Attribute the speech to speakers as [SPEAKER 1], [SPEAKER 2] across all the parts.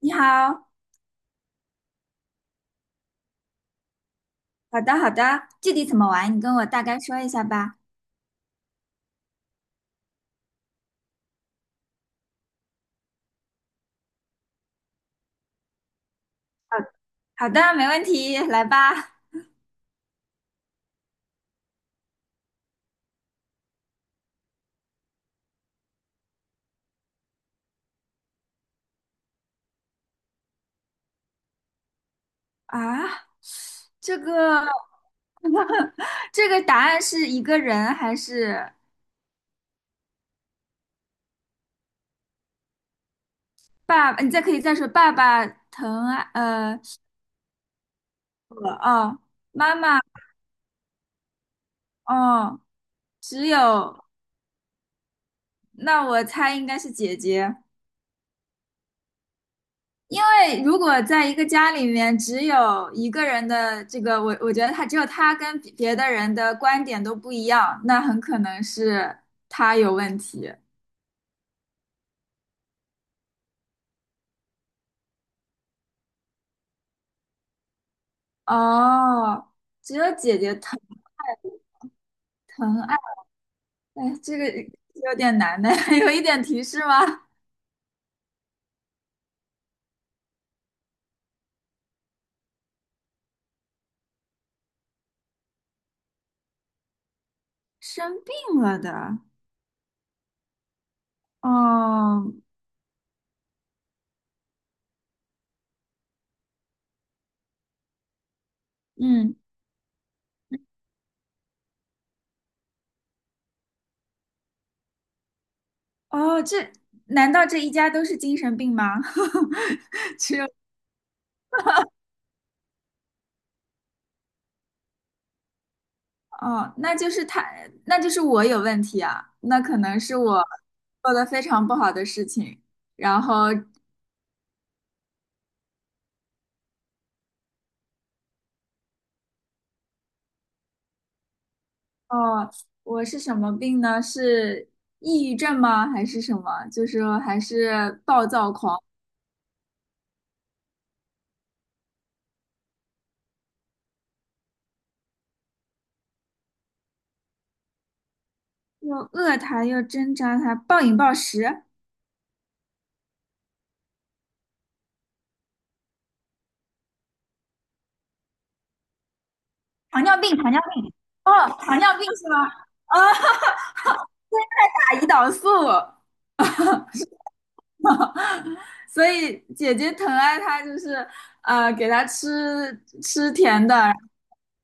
[SPEAKER 1] 你好，好的好的，具体怎么玩，你跟我大概说一下吧。好好的，没问题，来吧。啊，这个 这个答案是一个人还是爸爸？你再可以再说爸爸疼爱我哦，妈妈哦，只有那我猜应该是姐姐。如果在一个家里面只有一个人的这个，我觉得他只有他跟别的人的观点都不一样，那很可能是他有问题。哦，只有姐姐疼爱，哎，这个有点难呢，有一点提示吗？生病了的，哦，嗯，哦，这难道这一家都是精神病吗？哦，那就是他，那就是我有问题啊，那可能是我做的非常不好的事情。然后，哦，我是什么病呢？是抑郁症吗？还是什么？就是说还是暴躁狂，又饿他，又挣扎他，暴饮暴食，糖尿病，糖尿病，哦，糖尿病是吗？哦，打胰岛素。所以姐姐疼爱他，就是给他吃吃甜的，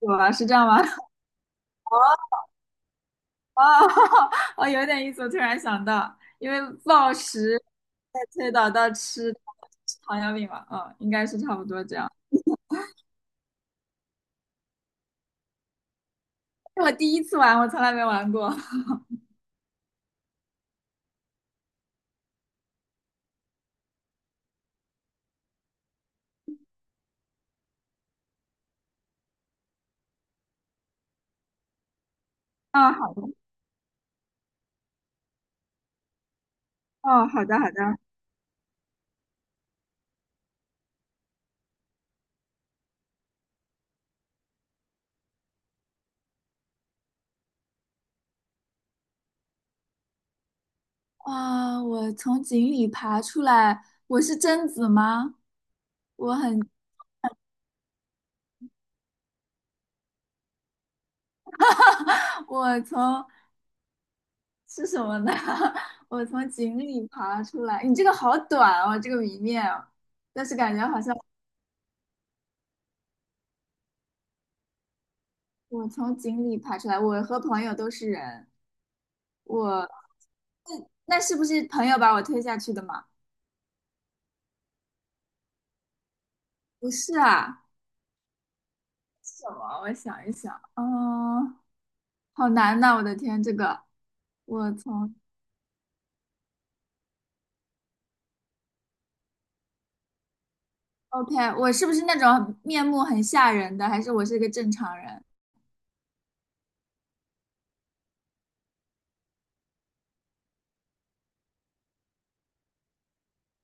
[SPEAKER 1] 我是这样吗？哦，我有点意思，我突然想到，因为暴食再推导到吃吃糖尿病嘛，嗯，应该是差不多这样。是我第一次玩，我从来没玩过。啊，好的，哦，好的，好的。啊，我从井里爬出来，我是贞子吗？我很，我从是什么呢？我从井里爬出来。你这个好短哦，这个谜面哦但是感觉好像我从井里爬出来，我和朋友都是人。我那那是不是朋友把我推下去的吗？不是啊，什么？我想一想，嗯，好难呐、我的天，这个我从 OK，我是不是那种面目很吓人的，还是我是一个正常人？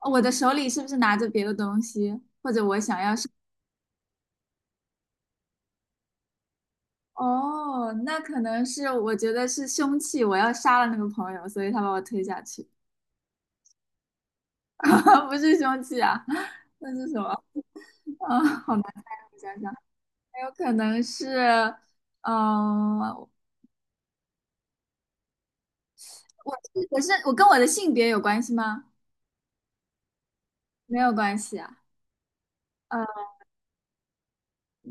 [SPEAKER 1] 哦我的手里是不是拿着别的东西，或者我想要是？哦，那可能是我觉得是凶器，我要杀了那个朋友，所以他把我推下去，不是凶器啊，那是什么？啊，好难猜啊，我想想。有可能是，嗯、我我是我跟我的性别有关系吗？没有关系啊。嗯，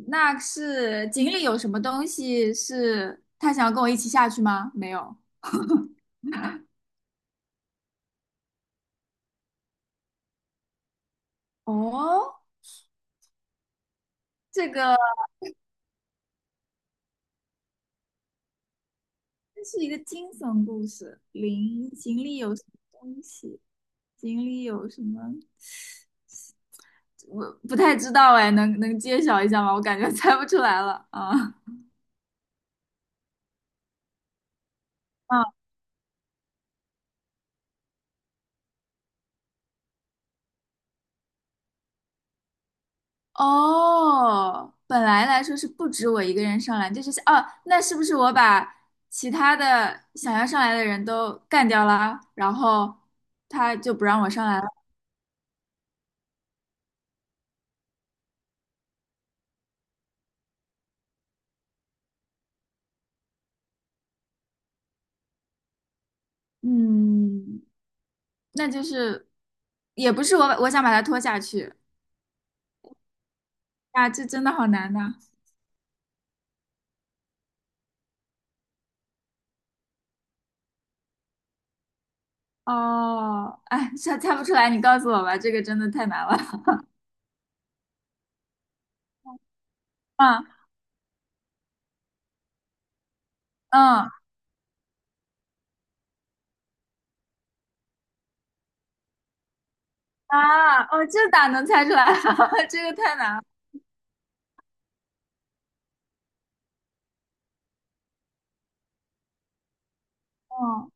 [SPEAKER 1] 那是井里有什么东西是他想要跟我一起下去吗？没有。哦，这个这是一个惊悚故事。林井里有什么东西？井里有什么？我不太知道哎，能能揭晓一下吗？我感觉猜不出来了啊。哦，本来来说是不止我一个人上来，这就是哦，那是不是我把其他的想要上来的人都干掉了，然后他就不让我上来了？嗯，那就是也不是我想把他拖下去啊，这真的好难呐、哦，哎，猜不出来，你告诉我吧，这个真的太难了。嗯嗯啊，哦，这咋能猜出来啊？这个太难了。哦。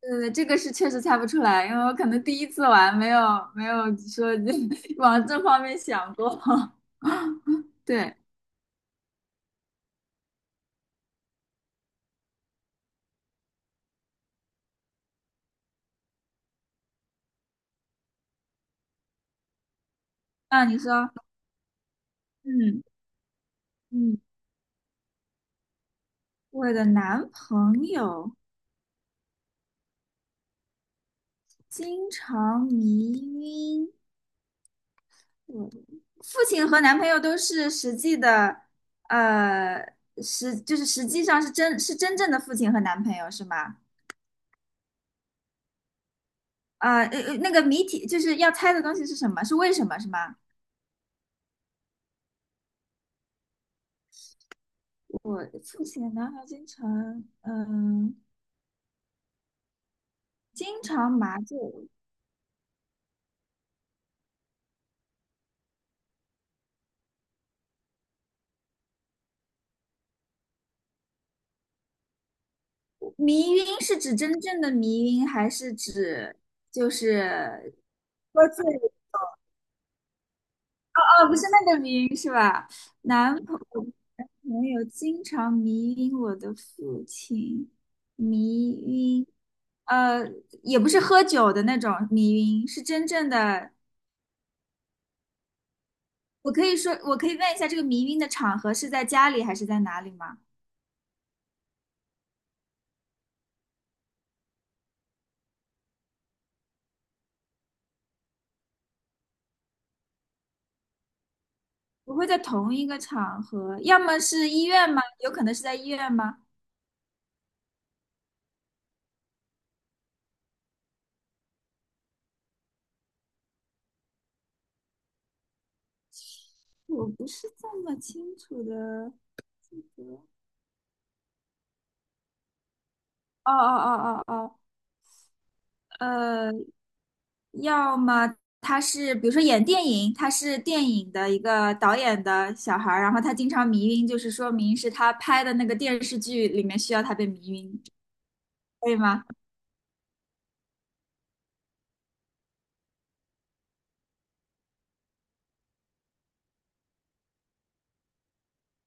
[SPEAKER 1] 对，这个是确实猜不出来，因为我可能第一次玩，没有没有说 往这方面想过。对，啊，你说，嗯嗯，我的男朋友经常迷晕我，父亲和男朋友都是实际的，呃，实就是实际上是真是真正的父亲和男朋友是吗？那个谜题就是要猜的东西是什么？是为什么是吗？我父亲的男孩经常，嗯。经常麻醉，迷晕是指真正的迷晕，还是指就是喝醉？哦，不是那个迷晕是吧？男朋男朋友经常迷晕我的父亲，迷晕，呃，也不是喝酒的那种迷晕，是真正的。我可以说，我可以问一下，这个迷晕的场合是在家里还是在哪里吗？不会在同一个场合，要么是医院吗？有可能是在医院吗？我不是这么清楚的记得。这个哦哦哦哦哦，呃，要么他是，比如说演电影，他是电影的一个导演的小孩儿，然后他经常迷晕，就是说明是他拍的那个电视剧里面需要他被迷晕，可以吗？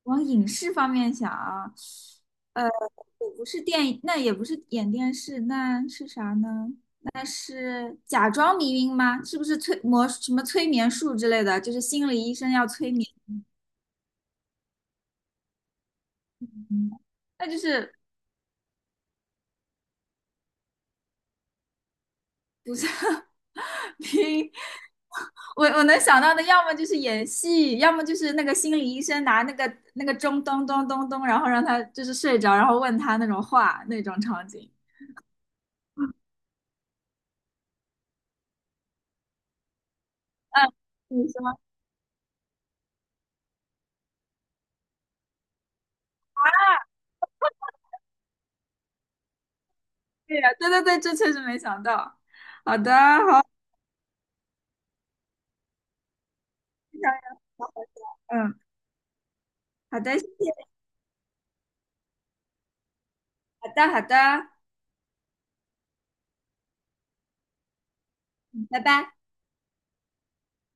[SPEAKER 1] 往影视方面想啊，也不是电影，那也不是演电视，那是啥呢？那是假装迷晕吗？是不是催魔什么催眠术之类的？就是心理医生要催眠，嗯那就是不是 迷晕我能想到的，要么就是演戏，要么就是那个心理医生拿那个那个钟咚咚咚咚，然后让他就是睡着，然后问他那种话那种场景。嗯，你说。对呀，对对对，这确实没想到。好的，好，非常有好好笑嗯，好的，谢谢，好的，好的，嗯拜拜。